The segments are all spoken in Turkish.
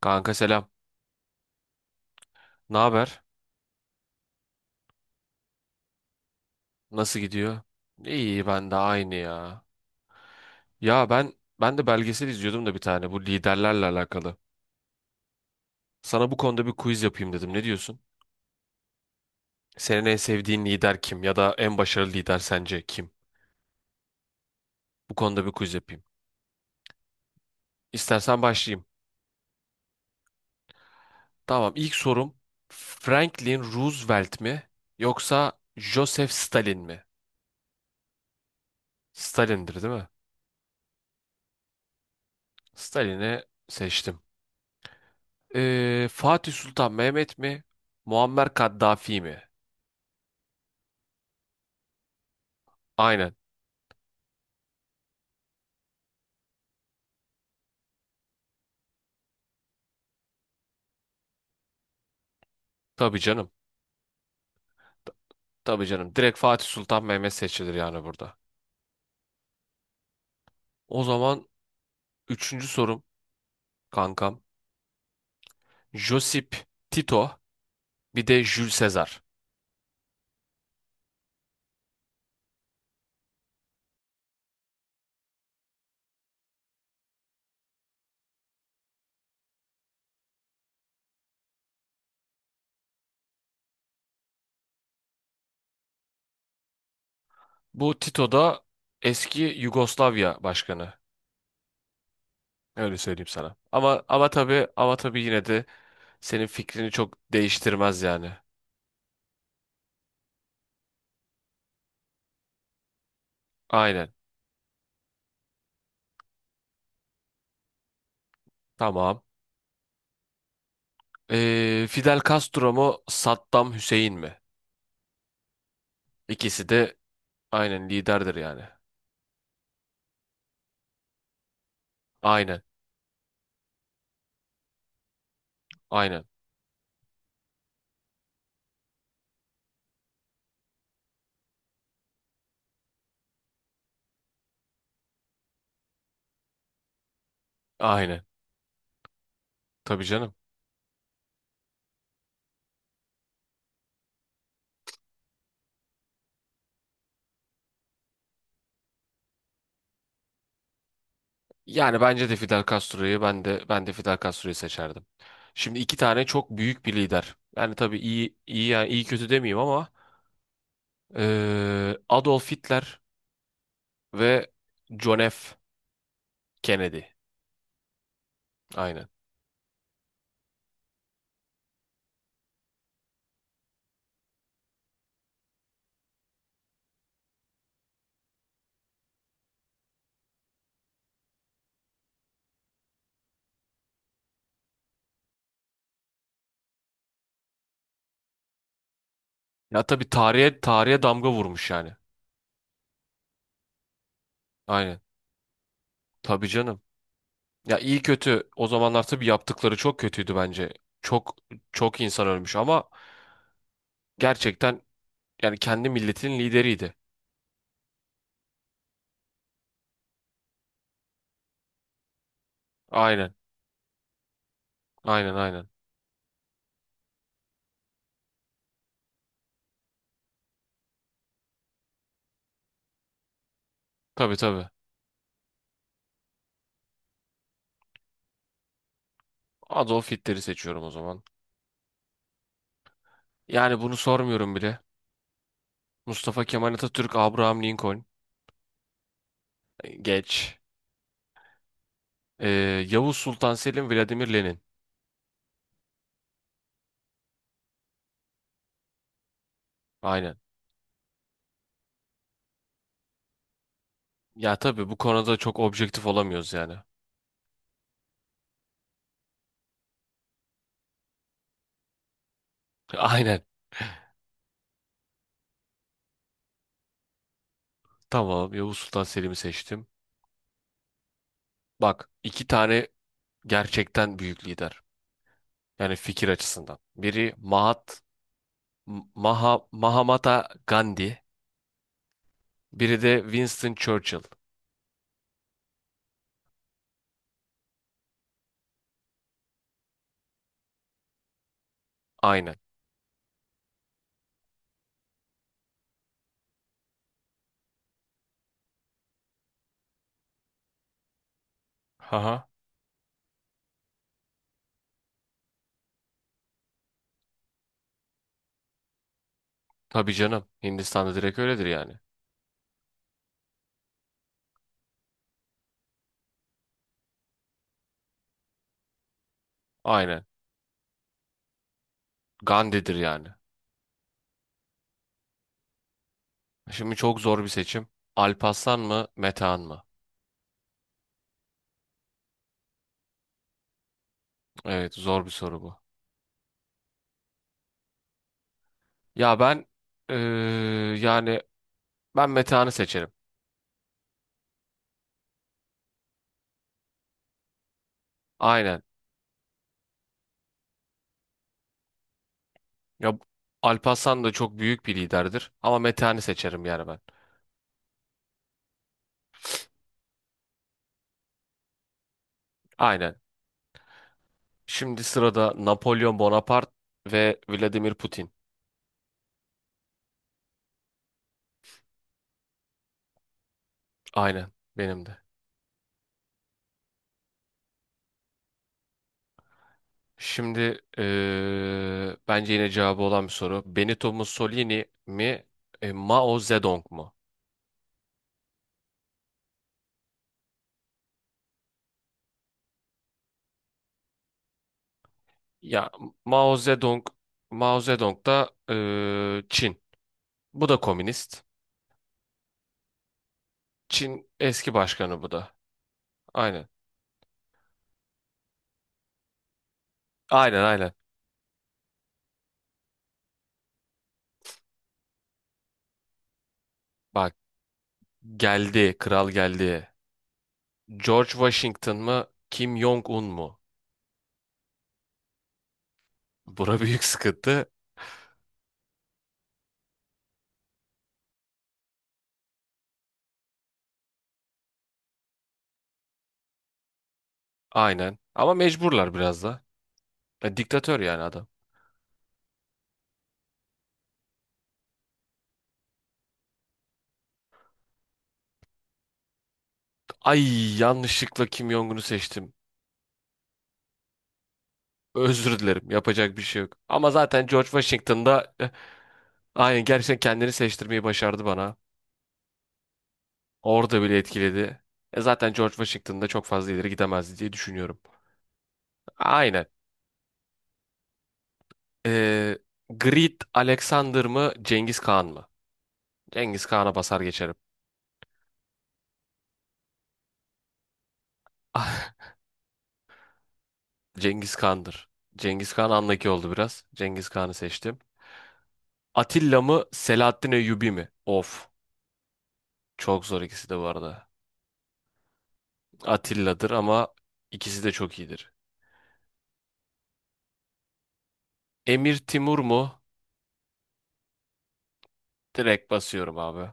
Kanka selam. Ne haber? Nasıl gidiyor? İyi ben de aynı ya. Ya ben de belgesel izliyordum da bir tane bu liderlerle alakalı. Sana bu konuda bir quiz yapayım dedim. Ne diyorsun? Senin en sevdiğin lider kim ya da en başarılı lider sence kim? Bu konuda bir quiz yapayım. İstersen başlayayım. Tamam, ilk sorum Franklin Roosevelt mi yoksa Joseph Stalin mi? Stalin'dir değil mi? Stalin'i seçtim. Fatih Sultan Mehmet mi? Muammer Kaddafi mi? Aynen. Tabii canım. Ta- Tabii canım. Direkt Fatih Sultan Mehmet seçilir yani burada. O zaman üçüncü sorum kankam. Josip Tito bir de Jules Caesar. Bu Tito da eski Yugoslavya başkanı. Öyle söyleyeyim sana. Ama tabii yine de senin fikrini çok değiştirmez yani. Aynen. Tamam. Fidel Castro mu Saddam Hüseyin mi? İkisi de aynen liderdir yani. Aynen. Aynen. Aynen. Tabii canım. Yani bence de Fidel Castro'yu ben de Fidel Castro'yu seçerdim. Şimdi iki tane çok büyük bir lider. Yani tabii iyi iyi yani iyi kötü demeyeyim ama Adolf Hitler ve John F. Kennedy. Aynen. Ya tabii tarihe damga vurmuş yani. Aynen. Tabii canım. Ya iyi kötü o zamanlar tabii yaptıkları çok kötüydü bence. Çok çok insan ölmüş ama gerçekten yani kendi milletinin lideriydi. Aynen. Aynen aynen. Tabii tabii. Adolf Hitler'i seçiyorum o zaman. Yani bunu sormuyorum bile. Mustafa Kemal Atatürk, Abraham Lincoln. Geç. Ee, Yavuz Sultan Selim, Vladimir Lenin. Aynen. Ya tabii bu konuda çok objektif olamıyoruz yani. Aynen. Tamam, Yavuz Sultan Selim'i seçtim. Bak, iki tane gerçekten büyük lider. Yani fikir açısından. Biri Mahatma Gandhi. Biri de Winston Churchill. Aynen. Haha. Tabii canım. Hindistan'da direkt öyledir yani. Aynen. Gandhi'dir yani. Şimdi çok zor bir seçim. Alparslan mı, Metehan mı? Evet, zor bir soru bu. Ya eee, yani ben Metehan'ı seçerim. Aynen. Ya Alparslan da çok büyük bir liderdir ama Metehan'ı seçerim yani ben. Aynen. Şimdi sırada Napolyon Bonaparte ve Vladimir Putin. Aynen benim de. Şimdi bence yine cevabı olan bir soru. Benito Mussolini mi, Mao Zedong mu? Ya Mao Zedong, Mao Zedong da Çin. Bu da komünist. Çin eski başkanı bu da. Aynen. Aynen aynen. Bak geldi, kral geldi. George Washington mı, Kim Jong-un mu? Bura büyük sıkıntı. Aynen. Ama mecburlar biraz da. E, diktatör yani adam. Ay yanlışlıkla Kim Jong-un'u seçtim. Özür dilerim. Yapacak bir şey yok. Ama zaten George Washington da eh, aynen gerçekten kendini seçtirmeyi başardı bana. Orada bile etkiledi. E zaten George Washington'da çok fazla ileri gidemezdi diye düşünüyorum. Aynen. Ee, Grit Alexander mı Cengiz Khan mı? Cengiz Khan'a basar geçerim. Cengiz Khan'dır. Cengiz Kağan andaki oldu biraz. Cengiz Khan'ı seçtim. Atilla mı Selahattin Eyyubi mi? Of. Çok zor ikisi de bu arada. Atilla'dır ama ikisi de çok iyidir. Emir Timur mu? Direkt basıyorum abi.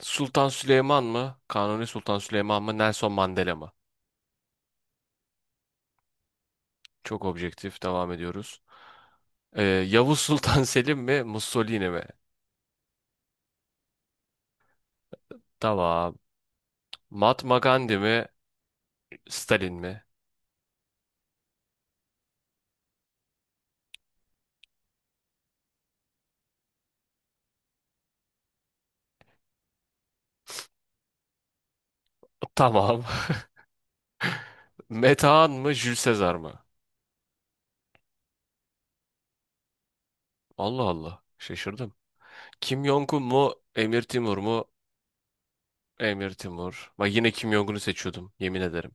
Sultan Süleyman mı? Kanuni Sultan Süleyman mı? Nelson Mandela mı? Çok objektif. Devam ediyoruz. Yavuz Sultan Selim mi? Mussolini mi? Tamam. Mahatma Gandhi mi? Stalin mi? Tamam. Metehan mı? Jules Caesar mı? Allah Allah. Şaşırdım. Kim Jong-un mu? Emir Timur mu? Emir Timur. Bak yine Kim Jong-un'u seçiyordum. Yemin ederim.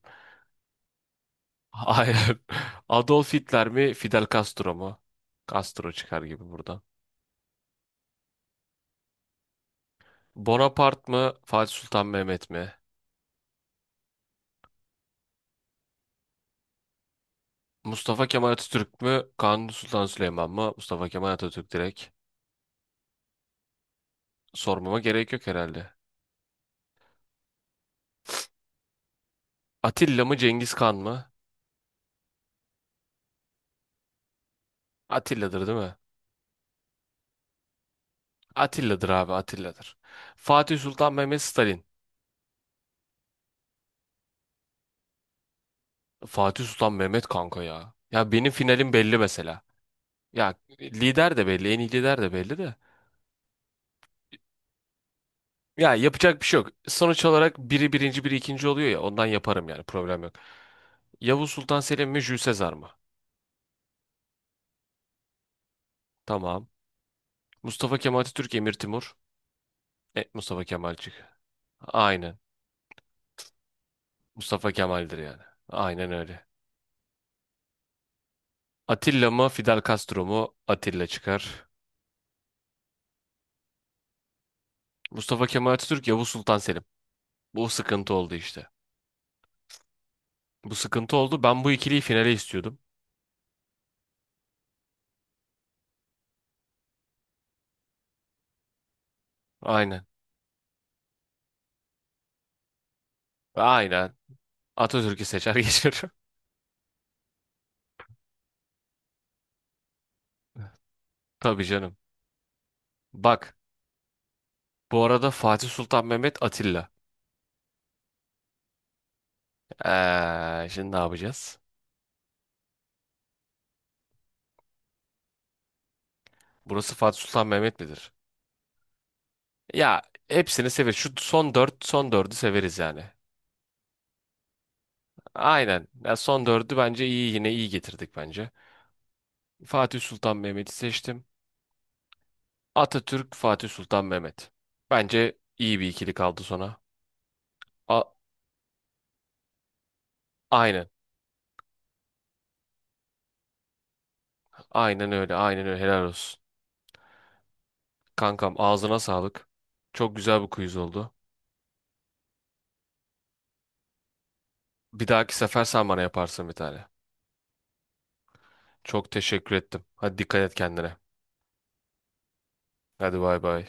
Hayır. Adolf Hitler mi? Fidel Castro mu? Castro çıkar gibi buradan. Bonaparte mı? Fatih Sultan Mehmet mi? Mustafa Kemal Atatürk mü? Kanuni Sultan Süleyman mı? Mustafa Kemal Atatürk direkt. Sormama gerek yok herhalde. Atilla mı Cengiz Kan mı? Atilla'dır değil mi? Atilla'dır abi Atilla'dır. Fatih Sultan Mehmet Stalin. Fatih Sultan Mehmet kanka ya. Ya benim finalim belli mesela. Ya lider de belli, en iyi lider de belli de. Ya yapacak bir şey yok. Sonuç olarak biri birinci, biri ikinci oluyor ya. Ondan yaparım yani problem yok. Yavuz Sultan Selim mi Jules Sezar mı? Tamam. Mustafa Kemal Atatürk, Emir Timur. Net Mustafa Kemalcik. Aynen. Mustafa Kemal'dir yani. Aynen öyle. Atilla mı Fidel Castro mu? Atilla çıkar. Mustafa Kemal Atatürk, Yavuz Sultan Selim. Bu sıkıntı oldu işte. Bu sıkıntı oldu. Ben bu ikiliyi finale istiyordum. Aynen. Aynen. Atatürk'ü seçer geçiyorum. Tabii canım. Bak. Bu arada Fatih Sultan Mehmet Atilla. Şimdi ne yapacağız? Burası Fatih Sultan Mehmet midir? Ya hepsini severiz. Şu son dört, son dördü severiz yani. Aynen. Ya son dördü bence iyi yine iyi getirdik bence. Fatih Sultan Mehmet'i seçtim. Atatürk, Fatih Sultan Mehmet. Bence iyi bir ikili kaldı sona. A- aynen. Aynen öyle. Aynen öyle. Helal olsun. Kankam ağzına sağlık. Çok güzel bir quiz oldu. Bir dahaki sefer sen bana yaparsın bir tane. Çok teşekkür ettim. Hadi dikkat et kendine. Hadi bay bay.